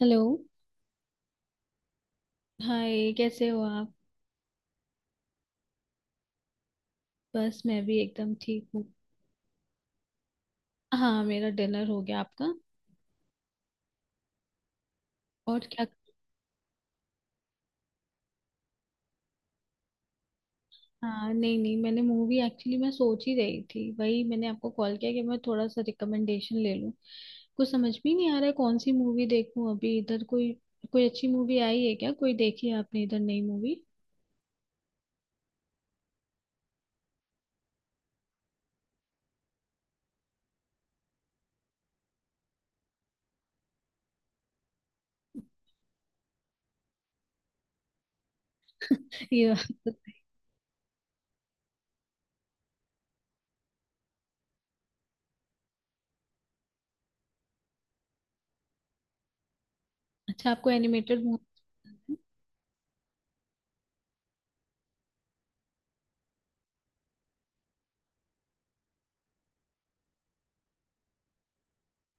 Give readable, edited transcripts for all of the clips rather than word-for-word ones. Hello. Hi, कैसे हो आप? बस मैं भी एकदम ठीक हूँ। हाँ, मेरा डिनर हो गया, आपका? और क्या। हाँ, नहीं नहीं, मैंने मूवी एक्चुअली मैं सोच ही रही थी, वही मैंने आपको कॉल किया कि मैं थोड़ा सा रिकमेंडेशन ले लूँ। कुछ समझ भी नहीं आ रहा है, कौन सी मूवी देखूँ अभी इधर कोई कोई अच्छी मूवी आई है क्या? कोई देखी है आपने इधर नई मूवी? ये। अच्छा, आपको एनिमेटेड मूवी।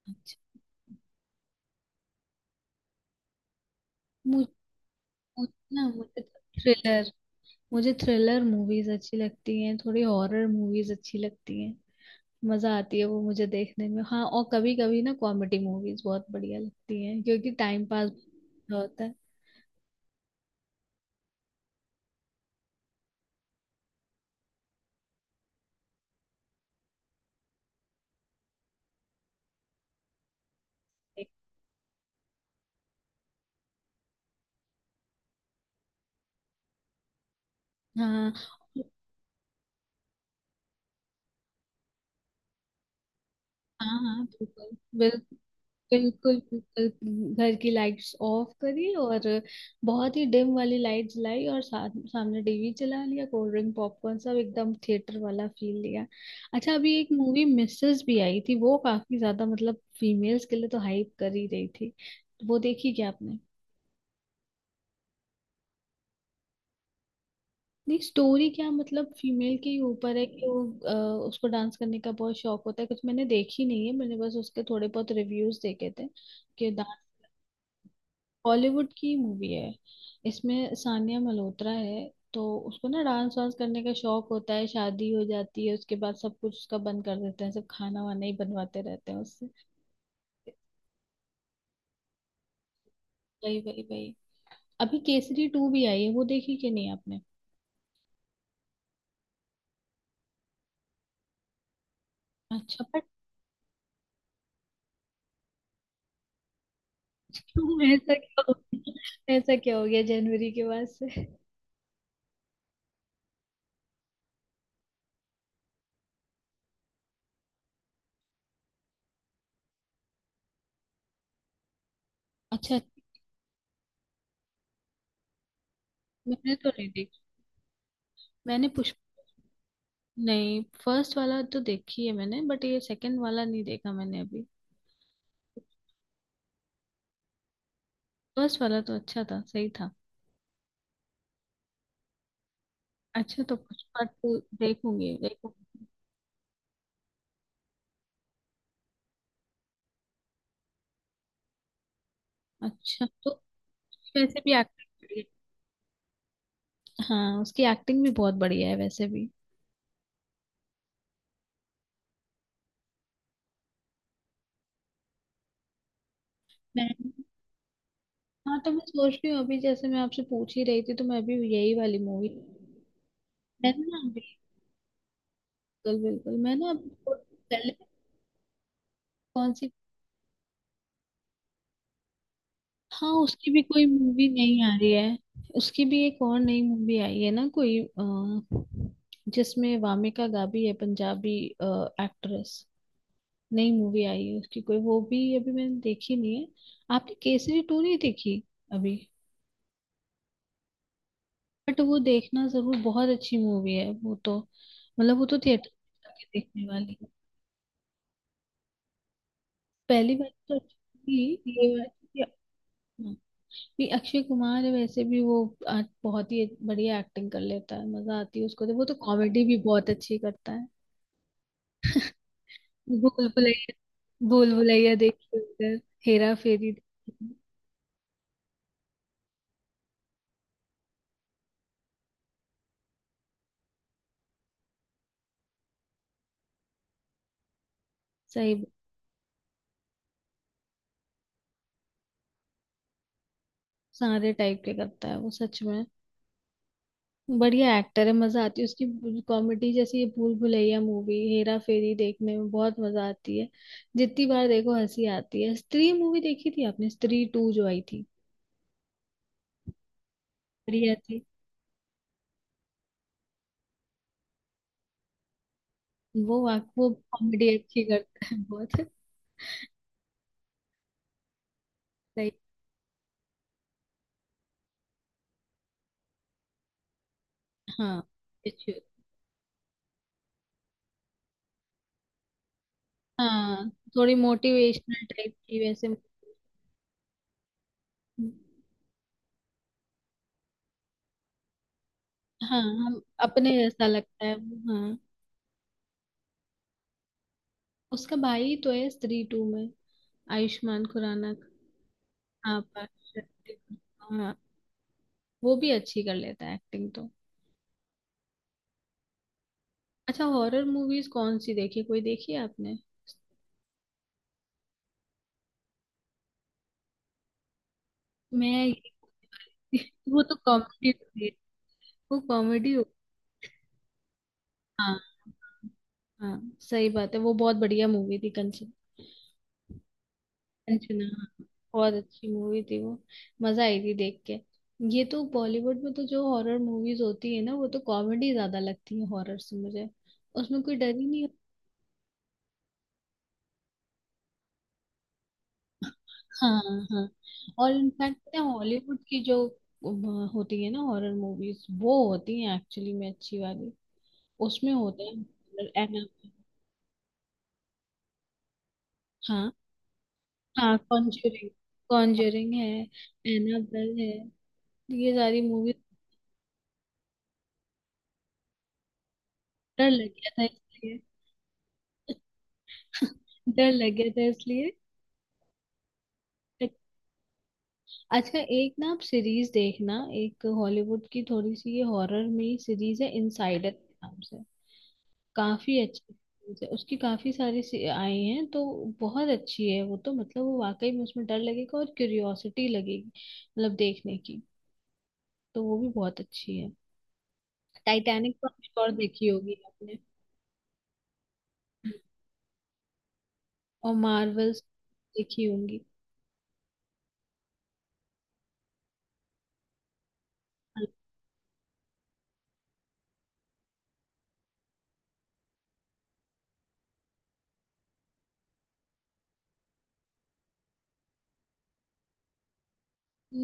अच्छा। मुझे मुझे ना मुझे थ्रिलर। मुझे थ्रिलर मूवीज अच्छी लगती हैं, थोड़ी हॉरर मूवीज अच्छी लगती हैं, मजा आती है वो मुझे देखने में। हाँ, और कभी कभी ना कॉमेडी मूवीज बहुत बढ़िया लगती हैं क्योंकि टाइम पास होता है। हाँ, हाँ, हाँ, बिल्कुल बिल्कुल। बिल्कुल बिल्कुल, घर की लाइट्स ऑफ करी और बहुत ही डिम वाली लाइट जलाई और सामने टीवी चला लिया, कोल्ड ड्रिंक पॉपकॉर्न सब एकदम थिएटर वाला फील लिया। अच्छा, अभी एक मूवी मिसेस भी आई थी, वो काफी ज्यादा मतलब फीमेल्स के लिए तो हाइप कर ही रही थी। वो देखी क्या आपने? नहीं, स्टोरी क्या मतलब फीमेल के ही ऊपर है कि वो उसको डांस करने का बहुत शौक होता है। कुछ मैंने देखी नहीं है, मैंने बस उसके थोड़े बहुत रिव्यूज देखे थे कि। बॉलीवुड की मूवी है। इसमें सानिया मल्होत्रा है। तो उसको ना डांस वांस करने का शौक होता है, शादी हो जाती है, उसके बाद सब कुछ उसका बंद कर देते हैं, सब खाना वाना ही बनवाते रहते हैं उससे। वही, वही, वही। अभी केसरी टू भी आई है, वो देखी कि नहीं आपने? अच्छा, बट। क्यों, ऐसा क्या हो गया, ऐसा क्या हो गया जनवरी के बाद से? अच्छा। मैंने तो नहीं देखी। मैंने पुष्प नहीं, फर्स्ट वाला तो देखी है मैंने, बट ये सेकंड वाला नहीं देखा मैंने अभी। फर्स्ट वाला तो अच्छा था, सही था। अच्छा, तो पुष्पा टू देखूंगी, देखूंगी। अच्छा, तो उसकी वैसे भी एक्टिंग बढ़िया है। हाँ, उसकी एक्टिंग भी बहुत बढ़िया है वैसे भी। मैं हाँ, तो मैं सोच रही हूँ, अभी जैसे मैं आपसे पूछ ही रही थी, तो मैं अभी यही वाली मूवी। मैं ना बिल्कुल, बिल्कुल, मैं ना अभी थोड़ी देर पहले। कौन सी? हाँ, उसकी भी कोई मूवी नहीं आ रही है। उसकी भी एक और नई मूवी आई है ना कोई जिसमें वामिका गाबी है, पंजाबी एक्ट्रेस। नई मूवी आई है उसकी कोई, वो भी अभी मैंने देखी नहीं है। आपने केसरी टू नहीं देखी अभी? बट वो देखना जरूर, बहुत अच्छी मूवी है वो तो, मतलब वो तो थिएटर में जाके देखने वाली है। पहली बार तो अच्छी थी ये बात हाँ, भी अक्षय कुमार है वैसे भी वो बहुत ही बढ़िया एक्टिंग कर लेता है, मजा आती है उसको तो, वो तो कॉमेडी भी बहुत अच्छी करता है। भूल भुलैया, भूल भुलैया देखी उधर। हेरा फेरी देखी, सही। सारे टाइप के करता है वो सच में। बढ़िया एक्टर है, मजा आती है उसकी कॉमेडी, जैसे ये भूल भुलैया मूवी, हेरा फेरी देखने में बहुत मजा आती है, जितनी बार देखो हंसी आती है। स्त्री मूवी देखी थी आपने, स्त्री टू जो आई थी? बढ़िया थी। वो वाक वो कॉमेडी अच्छी करता है बहुत। सही। हाँ, अच्छी। हाँ, थोड़ी मोटिवेशनल टाइप की वैसे। हाँ, हम अपने जैसा लगता है वो, हाँ। उसका भाई तो है स्त्री टू में आयुष्मान खुराना का। हाँ, पार्थ शक्ति। हाँ, वो भी अच्छी कर लेता है एक्टिंग तो। अच्छा, हॉरर मूवीज कौन सी देखी, कोई देखी है आपने? मैं। वो तो कॉमेडी होती है। वो कॉमेडी हो। हाँ, हाँ, सही बात है, वो बहुत बढ़िया मूवी थी, कंचन। कंचना, हाँ, बहुत अच्छी मूवी थी वो। मजा आई थी देख के। ये तो बॉलीवुड में तो जो हॉरर मूवीज होती है ना, वो तो कॉमेडी ज्यादा लगती है हॉरर से मुझे, उसमें कोई डर ही नहीं। हाँ, हाँ। और इनफैक्ट पता है हॉलीवुड की जो होती है ना हॉरर मूवीज, वो होती है एक्चुअली में अच्छी वाली। उसमें होता है। एनाबेल। हाँ, हाँ, कॉन्जरिंग। कॉन्जरिंग है। एनाबेल है। ये सारी मूवीज। डर लग गया था इसलिए। डर लग गया था इसलिए। अच्छा, एक ना आप सीरीज देखना। एक हॉलीवुड की थोड़ी सी ये हॉरर में सीरीज है इनसाइडर के नाम से। काफी अच्छी series है। उसकी काफी सारी आई हैं तो बहुत अच्छी है वो तो, मतलब वो वाकई में उसमें डर लगेगा और क्यूरियोसिटी लगेगी मतलब देखने की। तो वो भी बहुत अच्छी है। टाइटैनिक तो आपने और देखी होगी आपने। और मार्वल्स देखी होंगी।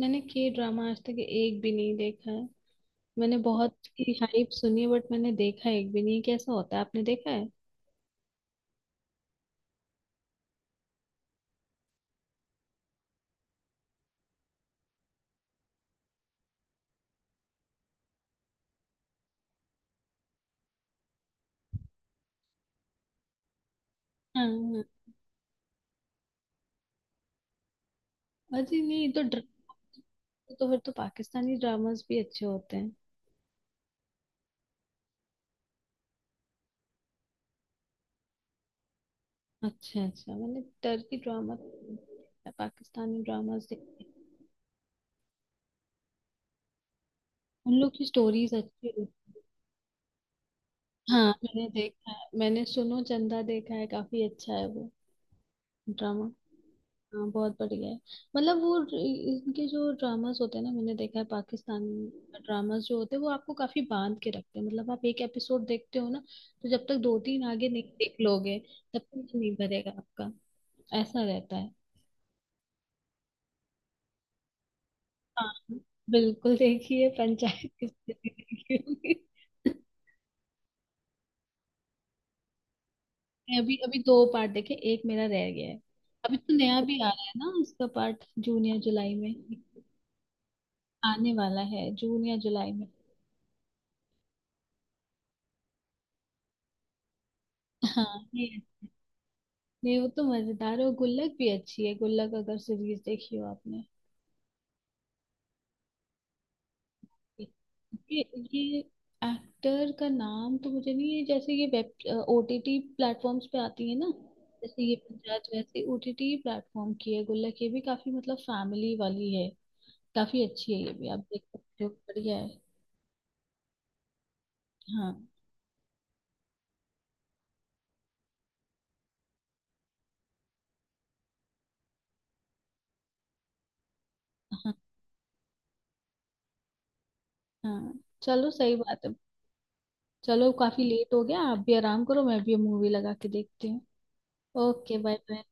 मैंने के ड्रामा आज तक एक भी नहीं देखा है। मैंने बहुत ही हाइप सुनी है, बट मैंने देखा एक भी नहीं, कैसा होता है, आपने देखा है? हाँ, हाँ। अरे नहीं, तो ड्रामा। तो फिर तो पाकिस्तानी ड्रामास भी अच्छे होते हैं। अच्छा, अच्छा, मैंने टर्की ड्रामा, पाकिस्तानी ड्रामास देखे। उन लोग की स्टोरीज अच्छी होती। हाँ, मैंने देखा है, मैंने सुनो चंदा देखा है, काफी अच्छा है वो ड्रामा। हाँ, बहुत बढ़िया है। मतलब वो इनके जो ड्रामास होते हैं ना, मैंने देखा है पाकिस्तानी ड्रामास जो होते हैं, वो आपको काफी बांध के रखते हैं, मतलब आप एक एपिसोड देखते हो ना, तो जब तक दो तीन आगे नहीं देख लोगे, तब तक मन नहीं भरेगा आपका। ऐसा रहता है। हाँ, बिल्कुल, देखिए पंचायत किसने नहीं देखी होगी। मैं अभी अभी दो पार्ट देखे, एक मेरा रह गया है। अभी तो नया भी आ रहा है ना उसका पार्ट जून या जुलाई में। आने वाला है जून या जुलाई में। हाँ, ये। नहीं, वो तो मजेदार है, और गुल्लक भी अच्छी है, गुल्लक अगर सीरीज देखी हो आपने। ये ये एक्टर का नाम तो मुझे नहीं है, जैसे ये वेब ओटीटी प्लेटफॉर्म्स पे आती है ना, जैसे ये पंचायत वैसे ओटीटी प्लेटफॉर्म की है गुल्लक, ये भी काफी मतलब फैमिली वाली है। काफी अच्छी है, ये भी आप देख सकते हो, बढ़िया है। हाँ, हाँ, हाँ, चलो, सही बात है। चलो काफी लेट हो गया, आप भी आराम करो, मैं भी मूवी लगा के देखती हूँ। Okay, bye bye.